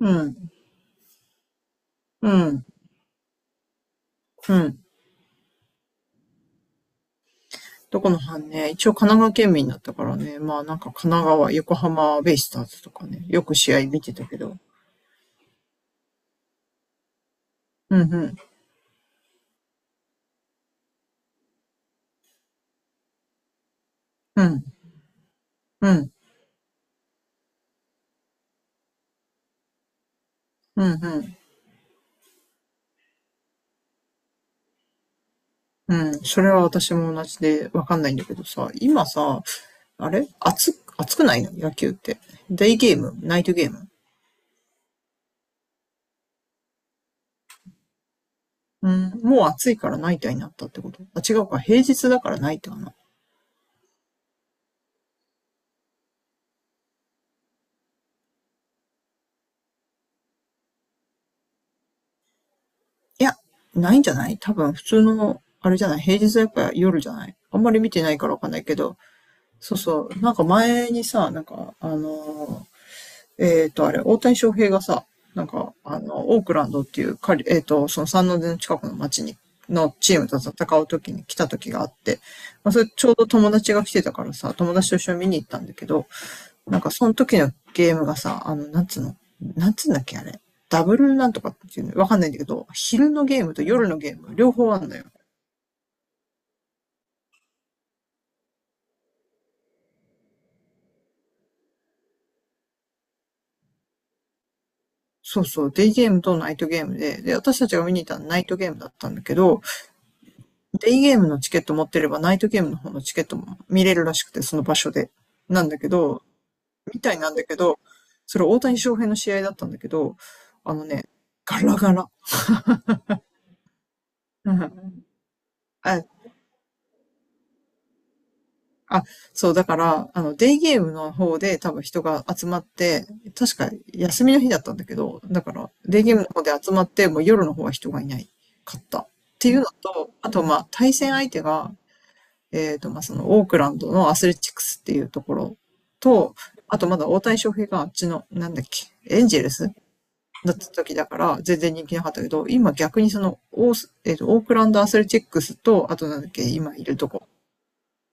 うん、うん、うん。どこの班ね、一応神奈川県民だったからね、まあなんか神奈川、横浜ベイスターズとかね、よく試合見てたけど、うんうん、うん、うん、うん、うん。うん、それは私も同じでわかんないんだけどさ、今さ、あれ暑、暑くないの野球って？デイゲーム、ナイトゲーム？うん、もう暑いからナイターになったってこと？あ、違うか、平日だからナイターかな。いや、ないんじゃない？多分普通の、あれじゃない、平日はやっぱ夜じゃない、あんまり見てないからわかんないけど、そうそう。なんか前にさ、なんか、あのー、えっと、あれ、大谷翔平がさ、なんか、オークランドっていうカリ、えっと、その三ノ瀬の近くの町に、のチームと戦う時に来た時があって、まあ、それちょうど友達が来てたからさ、友達と一緒に見に行ったんだけど、なんかその時のゲームがさ、なんつうの、なんつうんだっけ、あれ。ダブルなんとかっていうの、わかんないんだけど、昼のゲームと夜のゲーム、両方あんだよ。そうそう、デイゲームとナイトゲームで、で、私たちが見に行ったのはナイトゲームだったんだけど、デイゲームのチケット持ってれば、ナイトゲームの方のチケットも見れるらしくて、その場所で。なんだけど、みたいなんだけど、それ大谷翔平の試合だったんだけど、あのね、ガラガラ。うん。 あ、あ、そう、だから、デイゲームの方で多分人が集まって、確か休みの日だったんだけど、だから、デイゲームの方で集まって、もう夜の方は人がいないかった。っていうのと、あと、まあ、対戦相手が、まあ、その、オークランドのアスレチックスっていうところと、あとまだ大谷翔平があっちの、なんだっけ、エンジェルスだった時だから、全然人気なかったけど、今逆にその、オーえーと、オークランドアスレチックスと、あとなんだっけ、今いるとこ、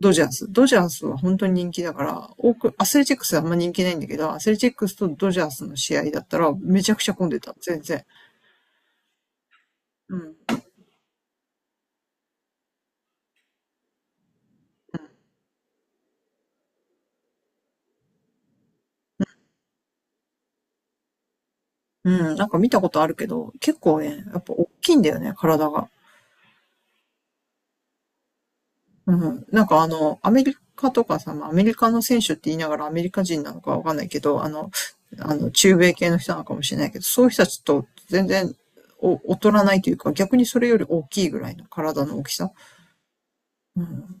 ドジャース。ドジャースは本当に人気だから、オーク、アスレチックスはあんま人気ないんだけど、アスレチックスとドジャースの試合だったら、めちゃくちゃ混んでた、全然。うん。うん、なんか見たことあるけど、結構ね、やっぱ大きいんだよね、体が。うん。なんかアメリカとかさ、まあ、アメリカの選手って言いながらアメリカ人なのかわかんないけど、中米系の人なのかもしれないけど、そういう人たちと全然お劣らないというか、逆にそれより大きいぐらいの体の大きさ。うん。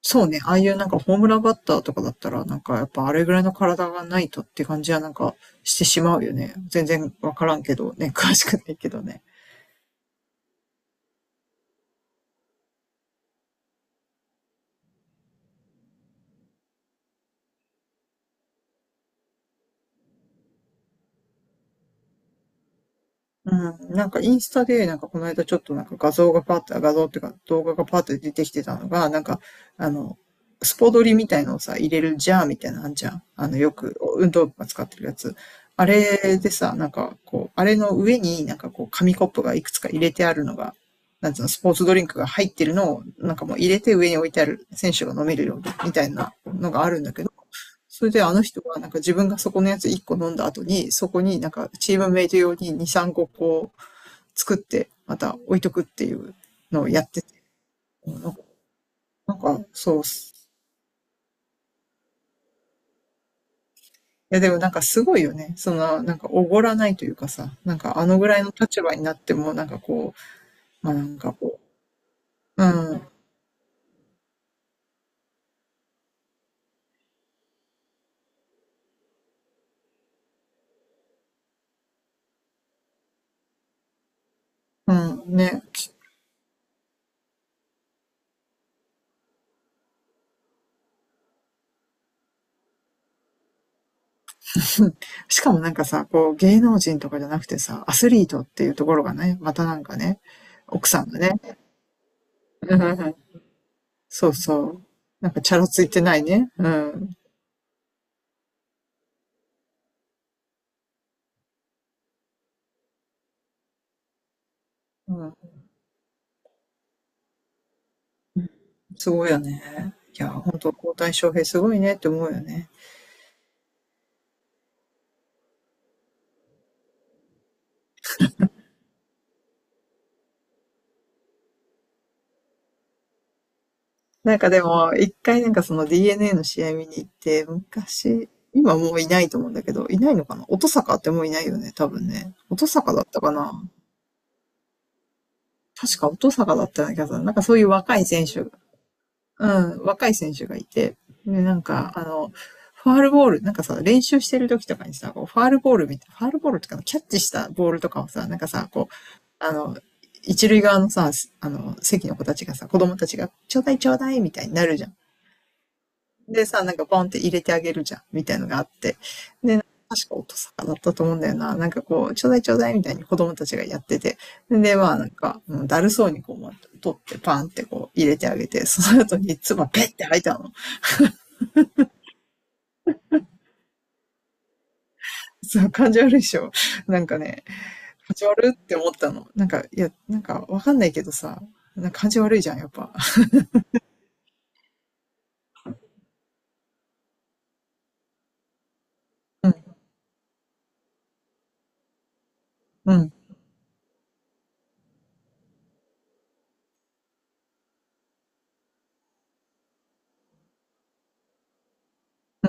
そうね、ああいうなんかホームランバッターとかだったら、なんかやっぱあれぐらいの体がないとって感じはなんかしてしまうよね。全然わからんけどね、詳しくないけどね。うん、なんかインスタで、なんかこの間ちょっとなんか画像がパッと、画像っていうか動画がパッと出てきてたのが、なんか、あの、スポドリみたいのをさ、入れるジャーみたいなのあんじゃん。あの、よく運動部が使ってるやつ。あれでさ、なんかこう、あれの上になんかこう、紙コップがいくつか入れてあるのが、なんつうの、スポーツドリンクが入ってるのを、なんかもう入れて上に置いてある選手が飲めるようにみたいなのがあるんだけど、それであの人がなんか自分がそこのやつ1個飲んだ後に、そこになんかチームメイト用に2、3個こう作って、また置いとくっていうのをやってて、なんか、そうっす。いやでもなんかすごいよね。その、なんかおごらないというかさ、なんかあのぐらいの立場になってもなんかこう、まあなんかこう、うん、うん、ね。しかもなんかさ、こう芸能人とかじゃなくてさ、アスリートっていうところがね、またなんかね、奥さんがね、そうそう。なんかチャラついてないね。うん。うん。すごいよね。いや、本当交代翔平すごいねって思うよね。なんかでも、一回なんかその DNA の試合見に行って、昔、今もういないと思うんだけど、いないのかな音坂ってもういないよね、多分ね。音坂だったかな、確か音坂だったような気がする。なんかそういう若い選手がいて、で、なんか、ファールボール、なんかさ、練習してる時とかにさ、こうファールボールみたいなファールボールとかのキャッチしたボールとかをさ、なんかさ、こう、一塁側のさ、席の子たちがさ、子供たちが、ちょうだいちょうだいみたいになるじゃん。でさ、なんかポンって入れてあげるじゃん、みたいのがあって、確か音坂だったと思うんだよな。なんかこう、ちょうだいちょうだいみたいに子供たちがやってて、で、まあなんか、うんだるそうにこう、取ってパンってこう入れてあげて、その後に唾ペッて吐いたの。そう、感じ悪いでしょ。なんかね、感じ悪って思ったの。なんか、いや、なんかわかんないけどさ、なんか感じ悪いじゃん、やっぱ。うん、うん、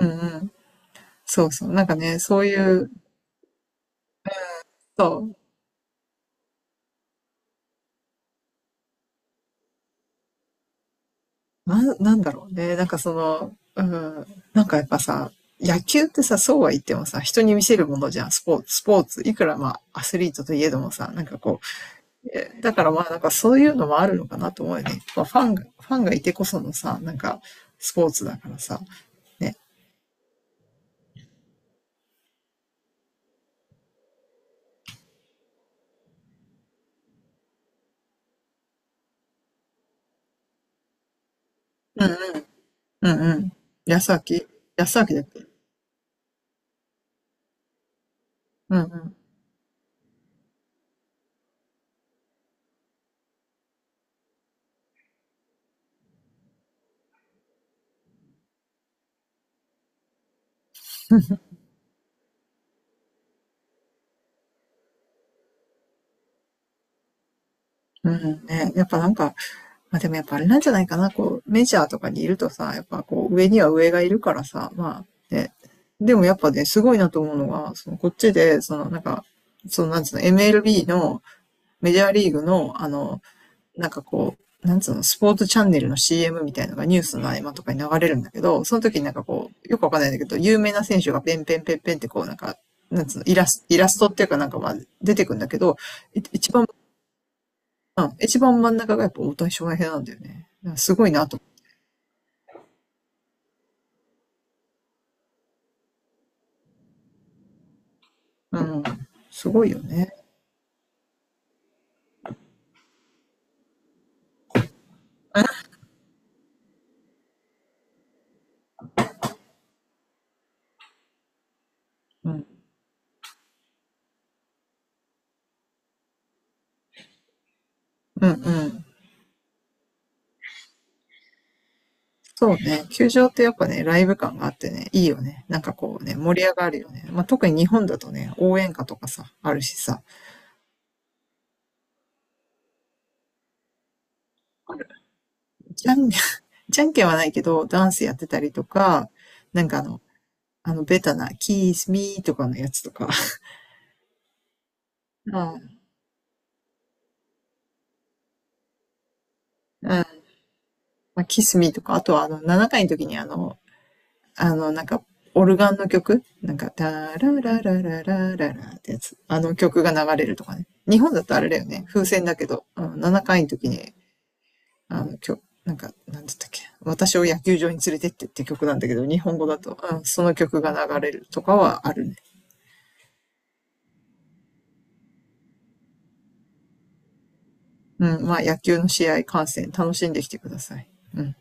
うん、うん。そうそう。なんかね、そういう、そう、なんだろうね。なんかその、うん、なんかやっぱさ、野球ってさ、そうは言ってもさ、人に見せるものじゃん、スポーツ、スポーツ。いくらまあ、アスリートといえどもさ、なんかこう、えだからまあ、なんかそういうのもあるのかなと思うよね。まあ、ファンがいてこそのさ、なんか、スポーツだからさ、ね。うん、うんうん。安明、安明だっけ。うんうん。うんうん、ね、やっぱなんか、まあ、でもやっぱあれなんじゃないかな、こう、メジャーとかにいるとさ、やっぱこう、上には上がいるからさ、まあ、ね、でもやっぱね、すごいなと思うのが、その、こっちで、その、なんか、その、なんつうの、MLB のメジャーリーグの、なんかこう、なんつうの、スポーツチャンネルの CM みたいなのがニュースの合間とかに流れるんだけど、その時になんかこう、よくわかんないんだけど、有名な選手がペンペンペンペンってこうなんか、なんつうの、イラストっていうかなんかまあ出てくんだけど、い一番、一番真ん中がやっぱ大谷翔平なんだよね。すごいなと。うん。すごいよね。うん。うんうん。そうね。球場ってやっぱね、ライブ感があってね、いいよね。なんかこうね、盛り上がるよね。まあ、特に日本だとね、応援歌とかさ、あるしさ。ジャンじゃんけんはないけど、ダンスやってたりとか、なんかベタな、キスミーとかのやつとか、うん、うん、まあ、キスミーとか、あとはあの、7回の時にあの、なんか、オルガンの曲なんか、タラララララララってやつ。あの曲が流れるとかね。日本だとあれだよね。風船だけど、うん、7回の時に、曲、なんか、なんだったっけ。私を野球場に連れてってって曲なんだけど、日本語だと、うん、その曲が流れるとかはあるね。うん、まあ野球の試合観戦楽しんできてください。うん。